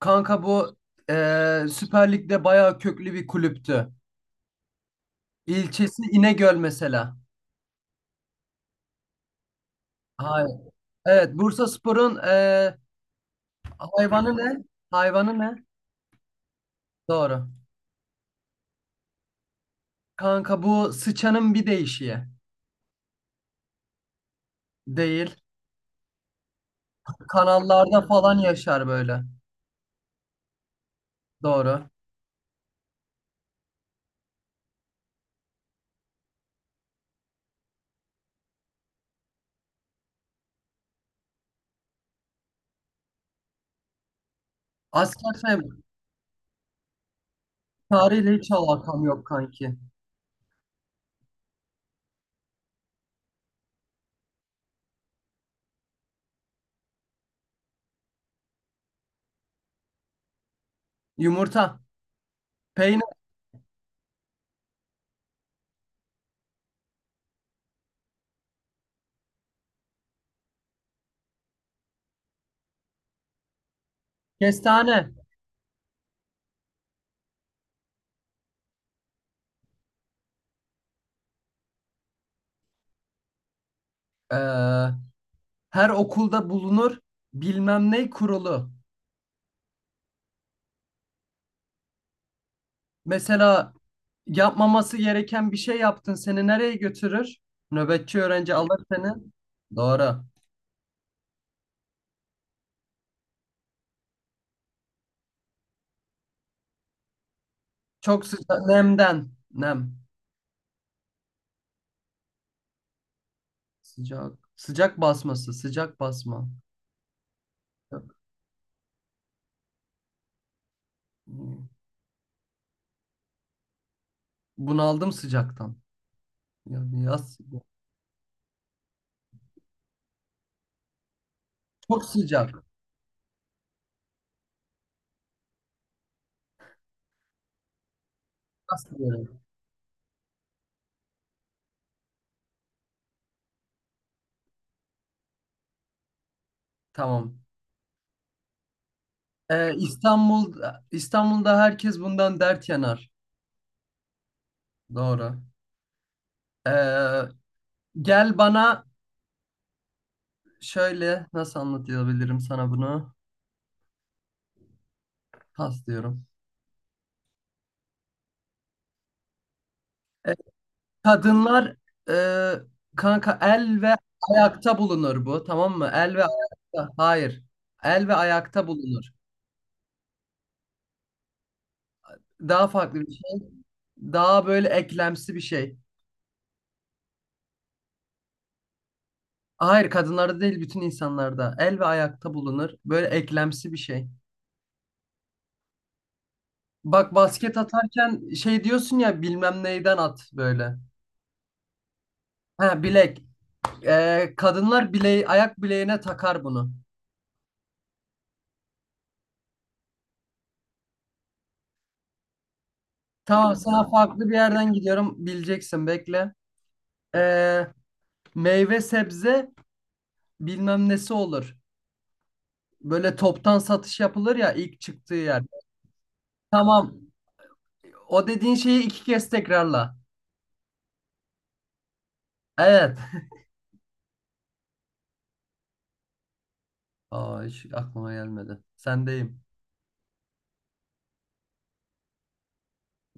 Kanka bu Süper Lig'de bayağı köklü bir kulüptü. İlçesi İnegöl mesela. Hayır. Evet, Bursaspor'un hayvanı ne? Hayvanı ne? Doğru. Kanka bu sıçanın bir değişiği. Değil. Kanallarda falan yaşar böyle. Doğru. Asker şey, tarihle hiç alakam yok kanki. Yumurta, peynir, kestane. Eee, her okulda bulunur bilmem ne kurulu. Mesela yapmaması gereken bir şey yaptın. Seni nereye götürür? Nöbetçi öğrenci alır seni. Doğru. Çok sıcak. Nemden. Nem. Sıcak. Sıcak basması. Sıcak basma. Sıcak. Hmm. Bunaldım sıcaktan. Yani yaz. Çok sıcak. Yaz diyorum. Tamam. İstanbul'da herkes bundan dert yanar. Doğru. Ee, gel bana şöyle nasıl anlatabilirim sana bunu? Pas diyorum. Ee, Kadınlar e, kanka el ve ayakta bulunur bu tamam mı? El ve ayakta. Hayır. El ve ayakta bulunur. Daha farklı bir şey. Daha böyle eklemsi bir şey. Hayır kadınlarda değil bütün insanlarda. El ve ayakta bulunur. Böyle eklemsi bir şey. Bak basket atarken şey diyorsun ya bilmem neyden at böyle. Ha bilek. Kadınlar bileği, ayak bileğine takar bunu. Tamam sana farklı bir yerden gidiyorum. Bileceksin bekle. Ee, Meyve sebze bilmem nesi olur. Böyle toptan satış yapılır ya ilk çıktığı yer. Tamam. O dediğin şeyi iki kez tekrarla. Evet. Aa, hiç aklıma gelmedi. Sendeyim.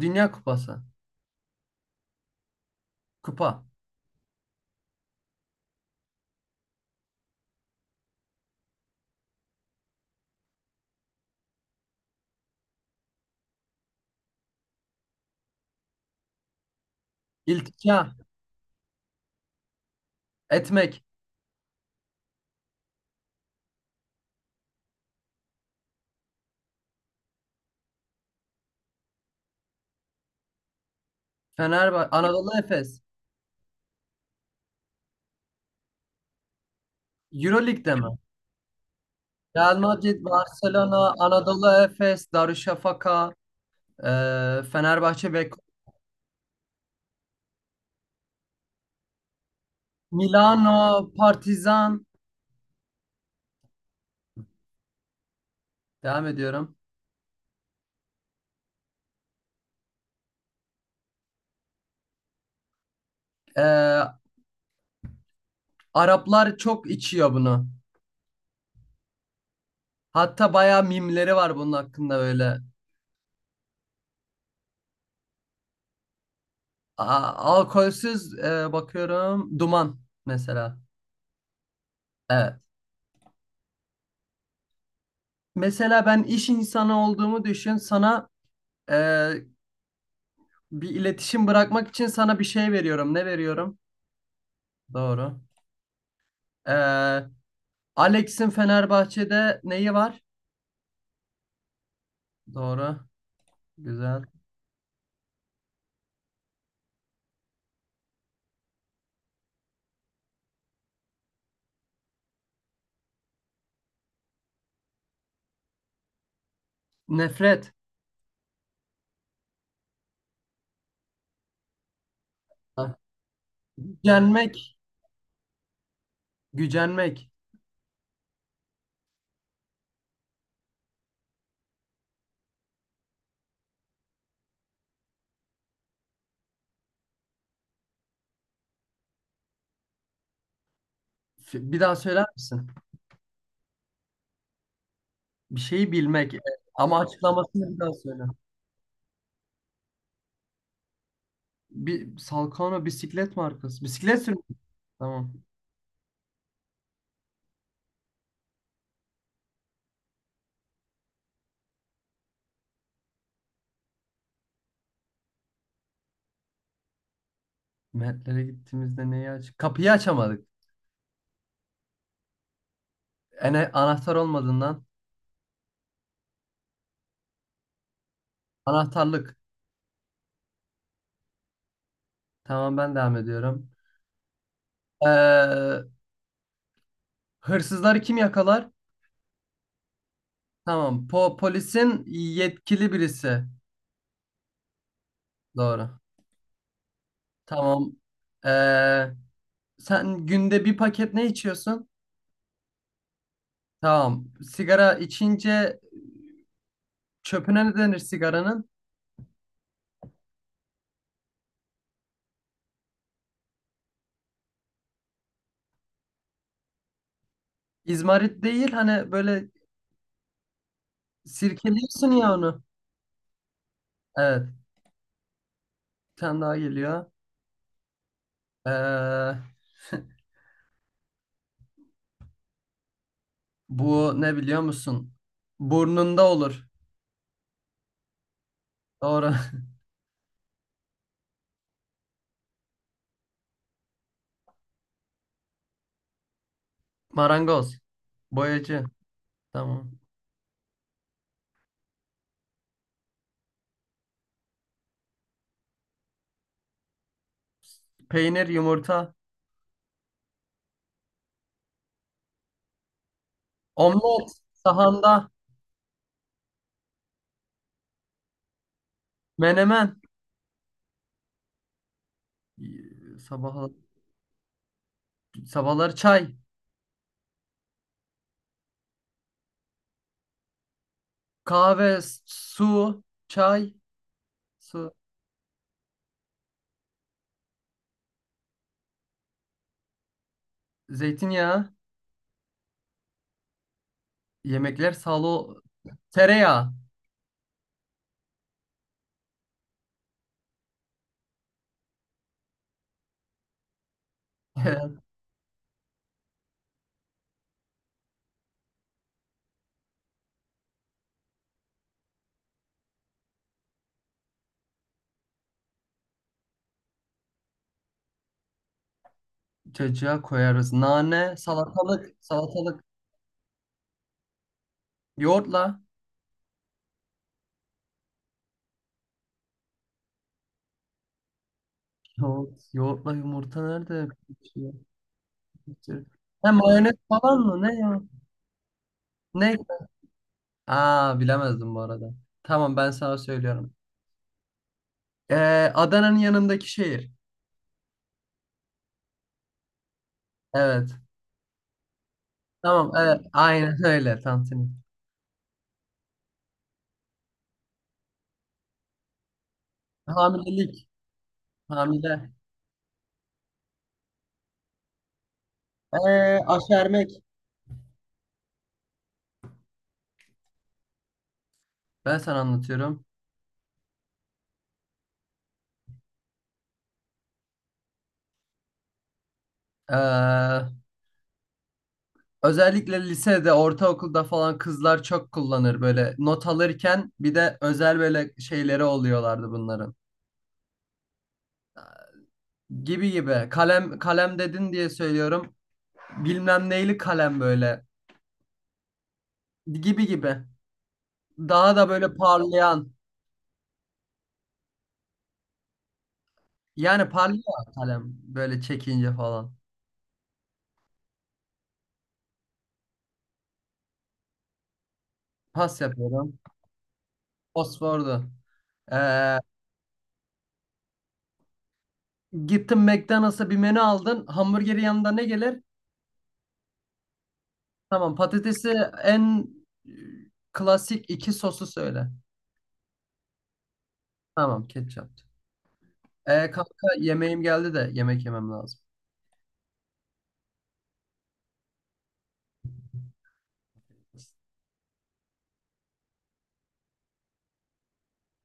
Dünya Kupası. Kupa. İltica. Etmek. Fenerbahçe. Anadolu Efes. Euroleague'de mi? Real Madrid, Barcelona, Anadolu Efes, Darüşşafaka, Fenerbahçe, Beko, Milano, Partizan. Devam ediyorum. Ee, Araplar çok içiyor bunu. Hatta bayağı mimleri var bunun hakkında böyle. Alkolsüz bakıyorum. Duman mesela. Evet. Mesela ben iş insanı olduğumu düşün. Sana e, bir iletişim bırakmak için sana bir şey veriyorum. Ne veriyorum? Doğru. E, Alex'in Fenerbahçe'de neyi var? Doğru. Güzel. Nefret. Ha, gücenmek. Gücenmek. Bir daha söyler misin? Bir şeyi bilmek. Evet. Ama açıklamasını bir daha söyle. Bir Salkano bisiklet markası. Bisiklet sürmek. Tamam. Mertlere gittiğimizde neyi aç? Kapıyı açamadık. Ene anahtar olmadığından. Anahtarlık. Tamam ben devam ediyorum. Ee, hırsızları kim yakalar? Tamam. Polisin yetkili birisi. Doğru. Tamam. Ee, sen günde bir paket ne içiyorsun? Tamam. Sigara içince çöpüne ne denir sigaranın? İzmarit değil hani böyle sirkeliyorsun ya onu. Evet. Bir tane daha geliyor. Ee, bu ne biliyor musun? Burnunda olur. Doğru. Marangoz. Boyacı. Tamam. Peynir, yumurta. Omlet. Sahanda. Menemen. Sabah, sabahları çay. Kahve, su, çay, su, zeytinyağı. Yemekler salo, tereyağı. Cacığa koyarız. Nane, salatalık. Yoğurtla. Yoğurt, yoğurtla yumurta nerede? Hem mayonez falan mı? Ne ya? Ne? Aa bilemezdim bu arada. Tamam ben sana söylüyorum. Ee, Adana'nın yanındaki şehir. Evet. Tamam evet. Aynen öyle. Tantuni. Hamilelik. Hamile. Aşermek. Ben sana anlatıyorum. Ee, Özellikle lisede, ortaokulda falan kızlar çok kullanır böyle not alırken bir de özel böyle şeyleri oluyorlardı bunların. Gibi gibi. Kalem kalem dedin diye söylüyorum. Bilmem neyli kalem böyle. Gibi gibi. Daha da böyle parlayan. Yani parlıyor kalem böyle çekince falan. Pas yapıyorum. Fosfordu. Ee, gittin McDonald's'a bir menü aldın. Hamburgeri yanında ne gelir? Tamam patatesi en e, klasik iki sosu söyle. Tamam ketçap. E, kanka yemeğim geldi de yemek yemem lazım.